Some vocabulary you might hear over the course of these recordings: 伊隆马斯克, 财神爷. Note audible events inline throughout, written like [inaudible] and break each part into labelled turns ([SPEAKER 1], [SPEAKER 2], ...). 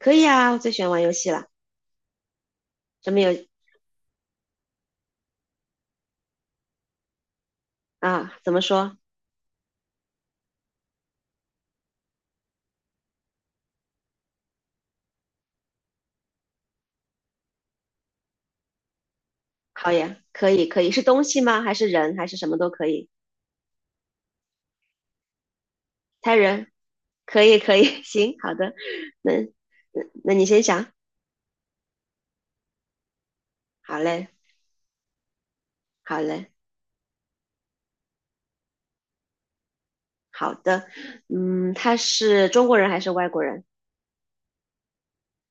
[SPEAKER 1] 可以啊，我最喜欢玩游戏了。什么游啊？怎么说？好呀，可以，可以，是东西吗？还是人？还是什么都可以？猜人，可以，可以，[laughs] 行，好的。那那你先想。好嘞，好嘞，好的。嗯，他是中国人还是外国人？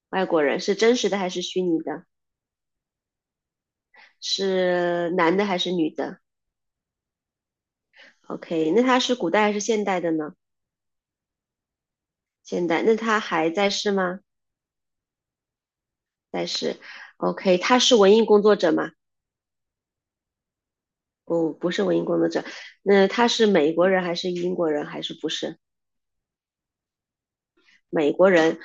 [SPEAKER 1] 外国人是真实的还是虚拟的？是男的还是女的？OK，那他是古代还是现代的呢？现代。那他还在世吗？在世。OK，他是文艺工作者吗？不是文艺工作者，那他是美国人还是英国人还是不是美国人？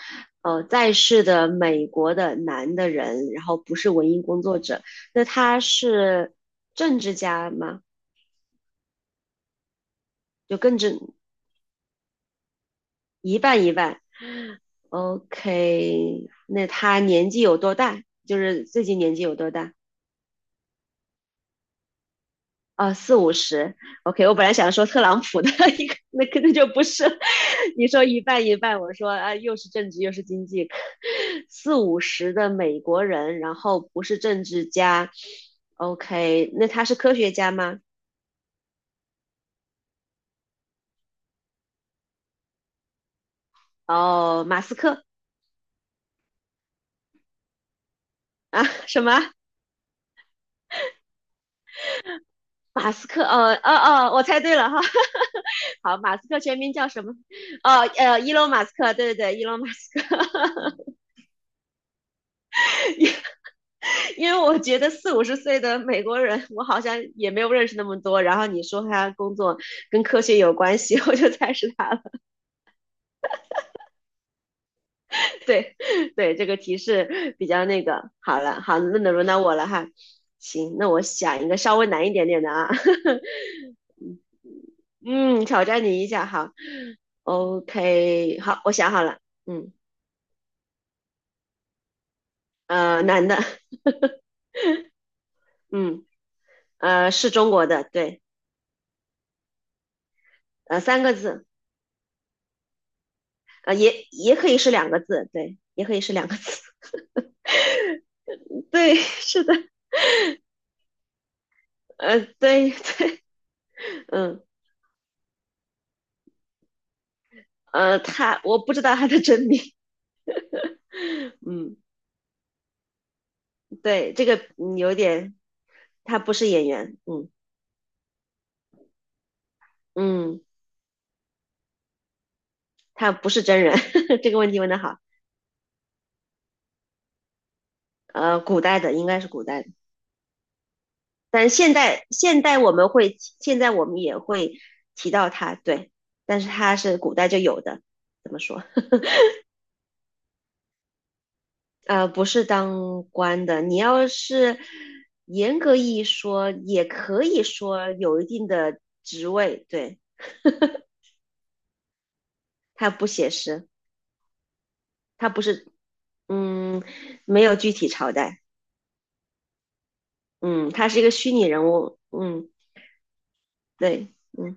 [SPEAKER 1] 哦，在世的美国的男的人，然后不是文艺工作者，那他是政治家吗？就更正一半一半。OK，那他年纪有多大？就是最近年纪有多大？啊，四五十，OK。我本来想说特朗普的 [laughs] 一个，那肯定就不是。你说一半一半，我说啊，又是政治又是经济，四五十的美国人，然后不是政治家，OK。那他是科学家吗？哦，马斯克啊，什么？马斯克？哦哦哦，我猜对了哈。[laughs] 好，马斯克全名叫什么？哦，伊隆马斯克，对对对，伊隆马斯克，[laughs] 因为我觉得四五十岁的美国人，我好像也没有认识那么多。然后你说他工作跟科学有关系，[laughs] 我就猜是他了。对，对，这个提示比较那个。好了，好，那轮到我了哈。行，那我想一个稍微难一点点的啊。[laughs] 嗯，挑战你一下，好，OK，好，我想好了。嗯，男的，[laughs] 嗯，是中国的，对，三个字，也可以是两个字，对，也可以是两个字，[laughs] 对，是的。对 [laughs] 对，嗯，他我不知道他的真名，[laughs] 嗯，对，这个有点，他不是演员，嗯嗯，他不是真人，[laughs] 这个问题问得好，古代的应该是古代的，但现代我们会现在我们也会提到他，对，但是他是古代就有的，怎么说？[laughs] 不是当官的，你要是严格意义说，也可以说有一定的职位，对。他不写实，他不是，嗯，没有具体朝代，嗯，他是一个虚拟人物，嗯，对，嗯，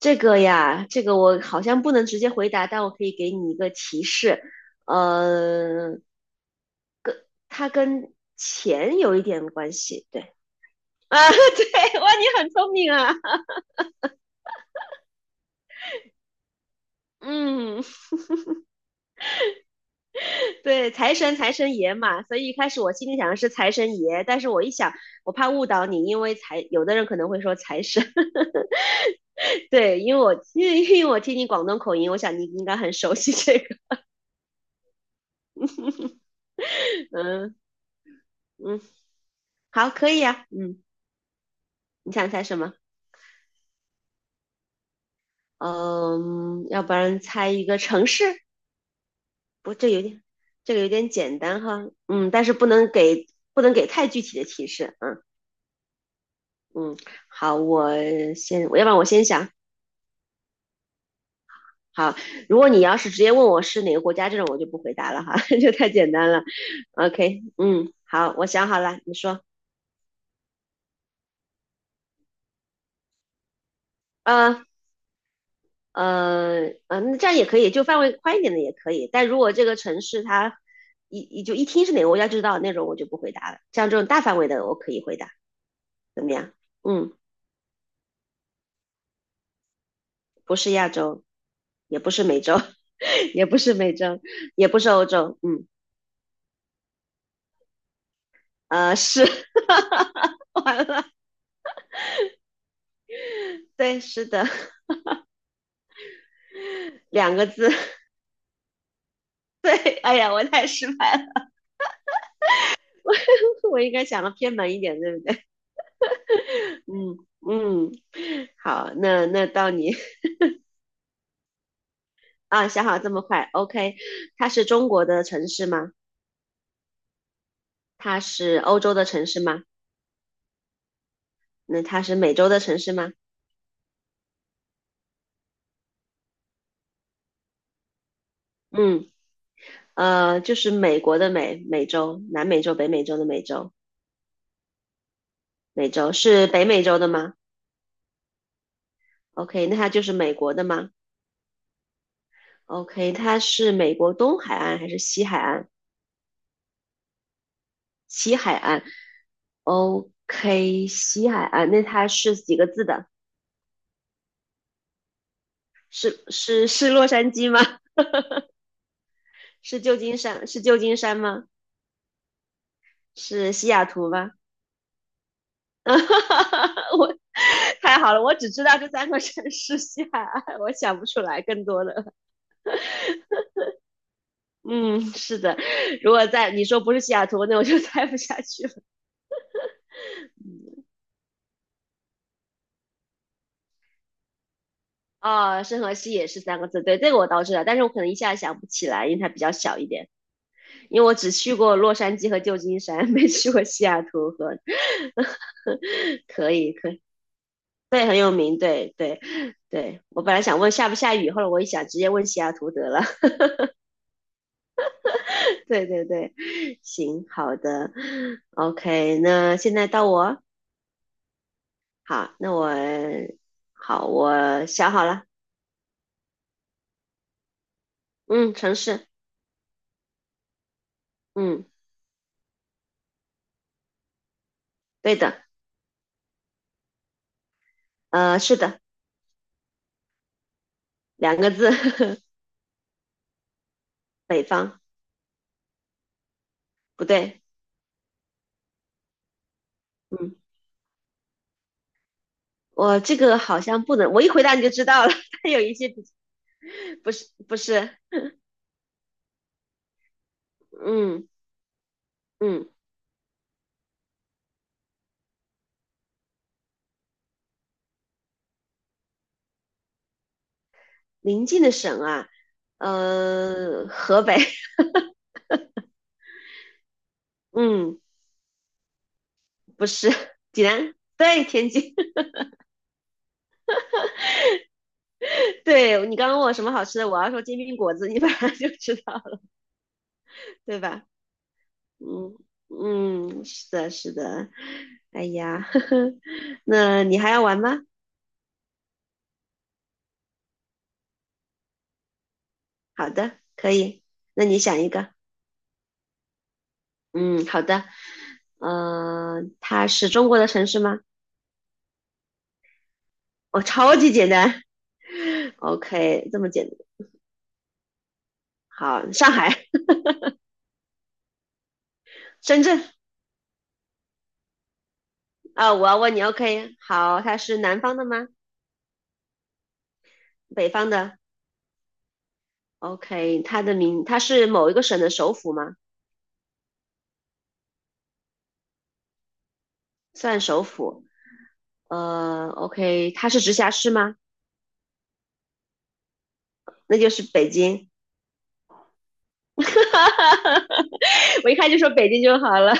[SPEAKER 1] 这个呀，这个我好像不能直接回答，但我可以给你一个提示，呃，它跟钱有一点关系，对，啊，[laughs] 对，哇，你很聪明啊，嗯，对，财神爷嘛，所以一开始我心里想的是财神爷，但是我一想，我怕误导你，因为有的人可能会说财神。对，因为我听你广东口音，我想你应该很熟悉这个。[laughs] 嗯嗯，好，可以啊。嗯，你想猜什么？嗯，要不然猜一个城市？不，这个有点简单哈。嗯，但是不能给太具体的提示。嗯嗯，好，我要不然我先想。好，如果你要是直接问我是哪个国家这种，我就不回答了哈，[laughs] 这太简单了。OK，嗯，好，我想好了，你说。嗯。嗯，那这样也可以，就范围宽一点的也可以。但如果这个城市它一就一听是哪个国家就知道那种，我就不回答了。像这种大范围的，我可以回答，怎么样？嗯，不是亚洲，也不是美洲，[laughs] 也不是美洲，也不是欧洲，嗯，是，[laughs] 完了，对，是的，两个字，[laughs] 对，哎呀，我太失败了，[laughs] 我应该想的偏门一点，对不对？[laughs] 嗯嗯，好，那到你。啊，想好这么快，OK。它是中国的城市吗？它是欧洲的城市吗？那它是美洲的城市吗？嗯，就是美国的美，美洲，南美洲、北美洲的美洲，美洲是北美洲的吗？OK，那它就是美国的吗？OK，它是美国东海岸还是西海岸？西海岸，OK，西海岸，那它是几个字的？是洛杉矶吗？[laughs] 是旧金山？是旧金山吗？是西雅图吗？[laughs] 啊哈哈哈我太好了，我只知道这三个城市西海岸，我想不出来更多的。[laughs] 嗯，是的，如果在你说不是西雅图，那我就 [laughs] 猜不下去了。哦，圣荷西也是三个字，对，这个我倒知道，但是我可能一下想不起来，因为它比较小一点。因为我只去过洛杉矶和旧金山，没去过西雅图和。[laughs] 可以，可以，对，很有名，对，对，对。我本来想问下不下雨，后来我一想，直接问西雅图得了。[laughs] 对对对，行，好的，OK，那现在到我，好，好，我想好了，嗯，城市，嗯，对的，是的，两个字，[laughs] 北方，不对，嗯，我这个好像不能，我一回答你就知道了，[laughs] 它有一些不是不是，嗯嗯，临近的省啊，河北，[laughs] 嗯，不是，济南，对，天津，对你刚刚问我什么好吃的，我要说煎饼果子，你 [laughs] 马上就知道了，对吧？嗯嗯，是的，是的。哎呀，[laughs] 呵呵，那你还要玩吗？好的，可以。那你想一个。嗯，好的。嗯、它是中国的城市吗？哦，超级简单。[laughs] OK，这么简单。好，上海、深圳啊、我要问你。OK，好，它是南方的吗？北方的？OK，它的名，它是某一个省的首府吗？算首府。OK，它是直辖市吗？那就是北京。[laughs] 我一看就说北京就好了。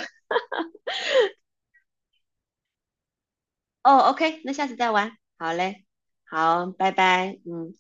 [SPEAKER 1] 哦，OK，那下次再玩。好嘞，好，拜拜。嗯。